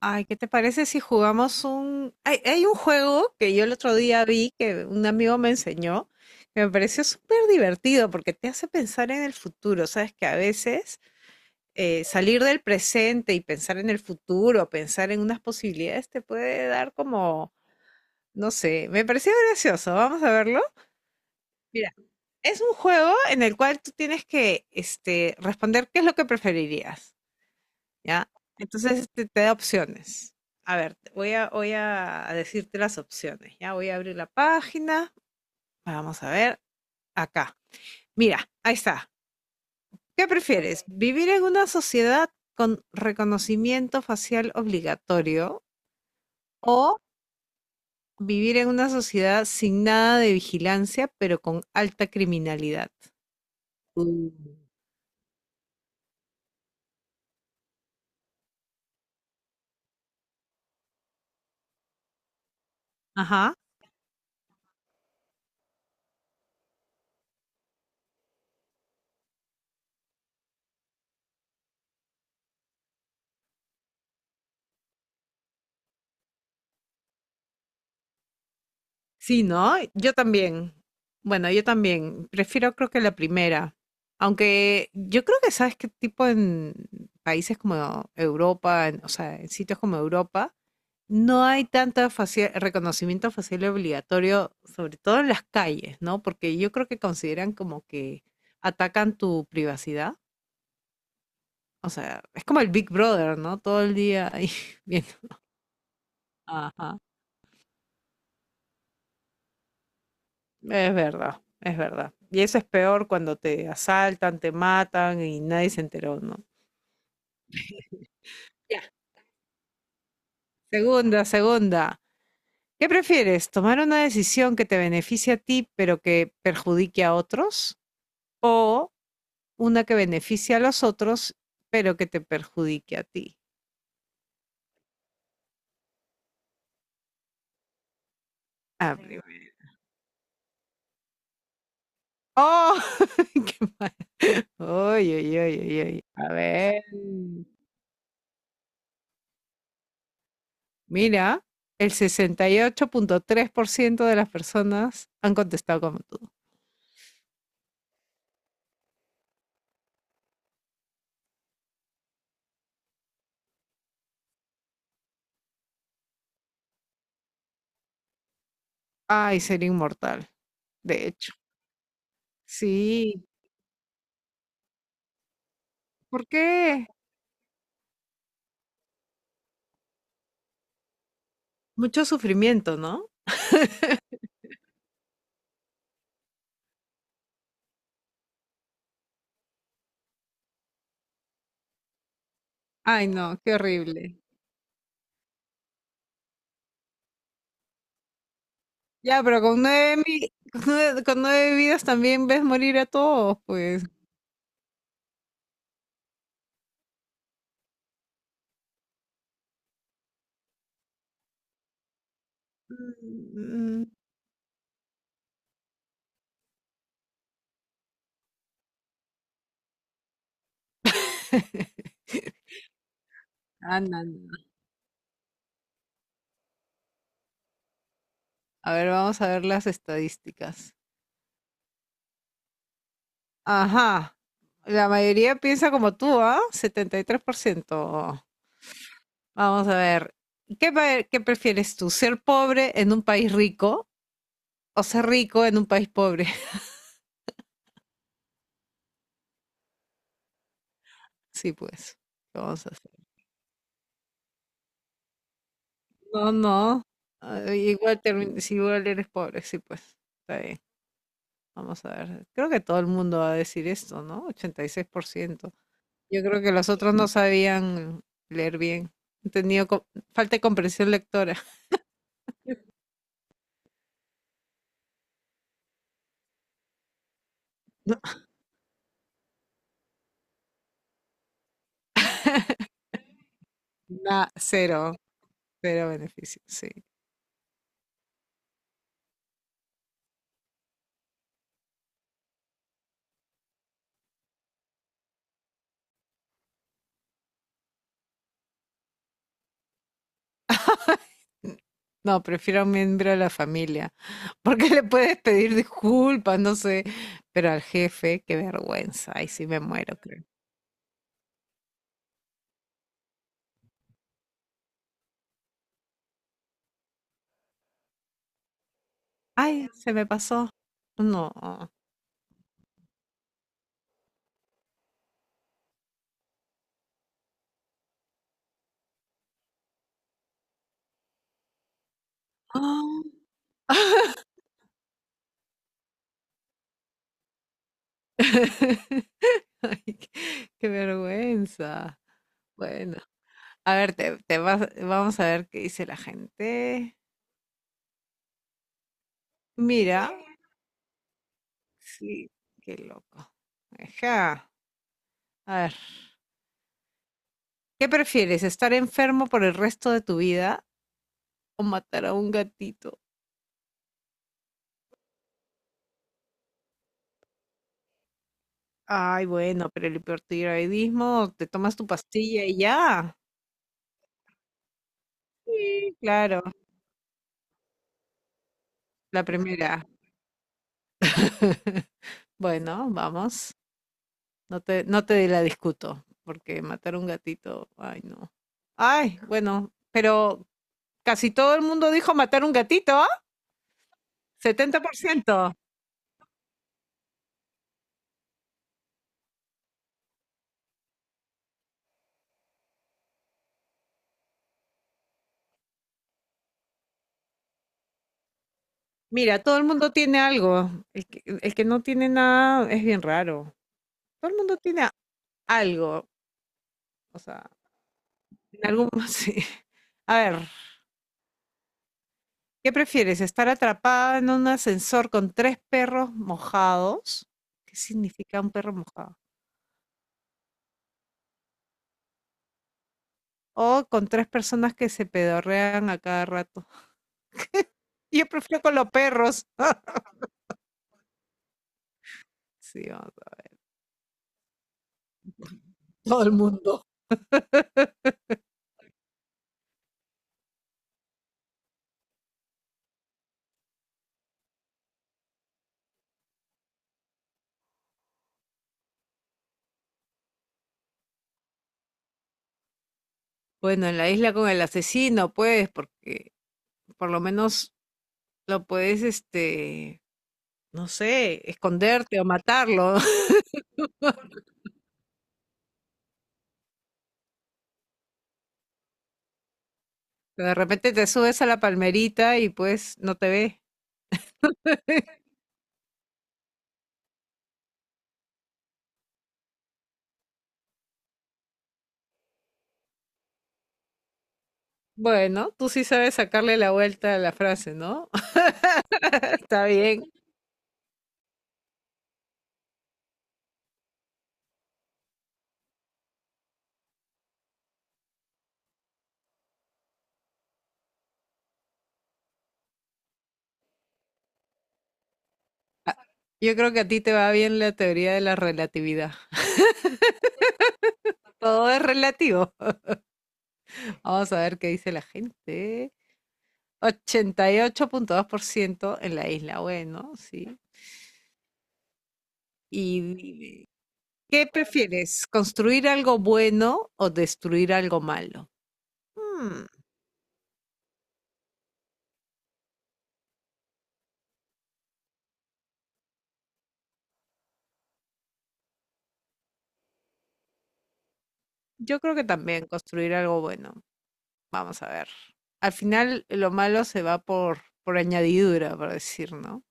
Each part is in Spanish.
Ay, ¿qué te parece si jugamos un... Hay un juego que yo el otro día vi que un amigo me enseñó, que me pareció súper divertido porque te hace pensar en el futuro. Sabes que a veces salir del presente y pensar en el futuro, pensar en unas posibilidades, te puede dar como, no sé, me pareció gracioso. Vamos a verlo. Mira, es un juego en el cual tú tienes que responder qué es lo que preferirías. ¿Ya? Entonces te da opciones. A ver, voy a, voy a decirte las opciones, ¿ya? Voy a abrir la página, vamos a ver, acá. Mira, ahí está. ¿Qué prefieres? ¿Vivir en una sociedad con reconocimiento facial obligatorio o vivir en una sociedad sin nada de vigilancia, pero con alta criminalidad? Uh, Ajá. Sí, ¿no? Yo también. Bueno, yo también. Prefiero creo que la primera. Aunque yo creo que sabes qué tipo en países como Europa, o sea, en sitios como Europa, no hay tanto reconocimiento facial obligatorio, sobre todo en las calles, ¿no? Porque yo creo que consideran como que atacan tu privacidad. O sea, es como el Big Brother, ¿no? Todo el día ahí viendo. Es verdad, es verdad. Y eso es peor cuando te asaltan, te matan y nadie se enteró, ¿no? Ya. Segunda, segunda. ¿Qué prefieres? ¿Tomar una decisión que te beneficie a ti pero que perjudique a otros? ¿O una que beneficie a los otros pero que te perjudique a ti? Ah, ay, primero. ¡Oh! ¡Qué mal! ¡Ay, ay, ay, ay, ay! A ver. Mira, el 68.3% de las personas han contestado como tú. Ay, sería inmortal, de hecho. Sí, ¿por qué? Mucho sufrimiento, ¿no? Ay, no, qué horrible. Ya, pero con nueve, con nueve vidas también ves morir a todos, pues. Mm, mm. Ah, no, no. No. A ver, vamos a ver las estadísticas. Ajá. La mayoría piensa como tú, ¿ah? 73%. Vamos a ver. ¿Qué, qué prefieres tú? ¿Ser pobre en un país rico o ser rico en un país pobre? Sí, pues. ¿Qué vamos a hacer? No, no. Ah, igual, si igual eres pobre, sí, pues. Está bien. Vamos a ver. Creo que todo el mundo va a decir esto, ¿no? 86%. Yo creo que los otros no sabían leer bien. Han tenido falta de comprensión lectora. Nada. Cero, cero beneficio, sí. No, prefiero a un miembro de la familia, porque le puedes pedir disculpas, no sé, pero al jefe, qué vergüenza, ay, sí me muero, creo. Ay, se me pasó. No. Ah. Ay, qué, qué vergüenza. Bueno, a ver, vamos a ver qué dice la gente. Mira, sí, qué loco. Ajá. A ver, ¿qué prefieres, estar enfermo por el resto de tu vida o matar a un gatito? Ay, bueno, pero el hipertiroidismo, te tomas tu pastilla y ya. Sí, claro, la primera. Bueno, vamos. No te la discuto, porque matar a un gatito, ay, no. Ay, bueno, pero casi todo el mundo dijo matar un gatito, ¿ah? 70%. Mira, todo el mundo tiene algo. El que no tiene nada es bien raro. Todo el mundo tiene algo. O sea, en algún... Sí. A ver. ¿Qué prefieres? ¿Estar atrapada en un ascensor con tres perros mojados? ¿Qué significa un perro mojado? O con tres personas que se pedorrean a cada rato. Yo prefiero con los perros. Sí, vamos a- Todo el mundo. Bueno, en la isla con el asesino, pues, porque por lo menos lo puedes, no sé, esconderte o matarlo. Pero de repente te subes a la palmerita y pues no te ve. Bueno, tú sí sabes sacarle la vuelta a la frase, ¿no? Está bien. Yo creo que a ti te va bien la teoría de la relatividad. Todo es relativo. Vamos a ver qué dice la gente. 88.2% en la isla. Bueno, sí. Y dime, ¿qué prefieres? ¿Construir algo bueno o destruir algo malo? Hmm, yo creo que también construir algo bueno. Vamos a ver. Al final, lo malo se va por añadidura, por decir, ¿no?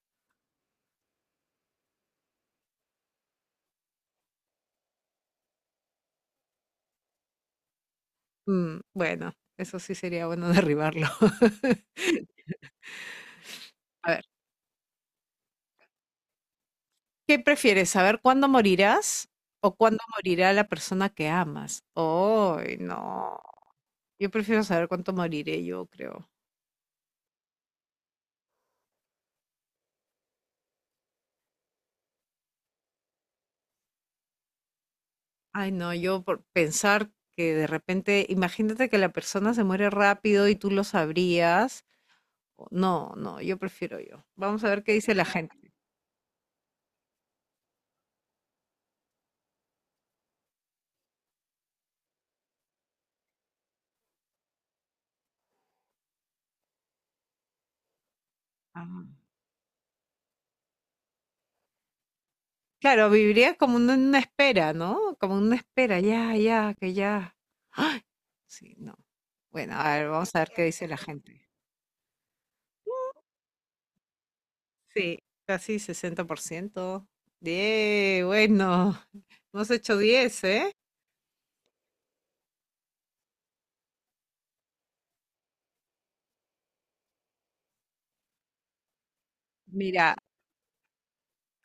Mm, bueno, eso sí sería bueno derribarlo. A ver. ¿Qué prefieres? ¿Saber cuándo morirás o cuándo morirá la persona que amas? Ay, no. Yo prefiero saber cuánto moriré yo, creo. Ay, no, yo por pensar que de repente, imagínate que la persona se muere rápido y tú lo sabrías. No, no, yo prefiero yo. Vamos a ver qué dice la gente. Ah. Claro, viviría como en una espera, ¿no? Como en una espera, ya, ya, que ya. Sí, no. Bueno, a ver, vamos a ver qué dice la gente. Sí, casi 60%. Bien, bueno, hemos hecho 10, ¿eh? Mira,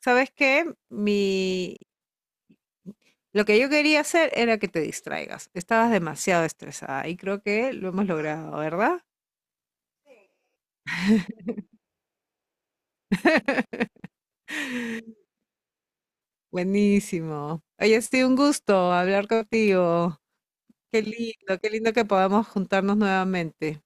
¿sabes qué? Mi... Lo que yo quería hacer era que te distraigas. Estabas demasiado estresada y creo que lo hemos logrado, ¿verdad? Buenísimo. Oye, ha sido un gusto hablar contigo. Qué lindo que podamos juntarnos nuevamente.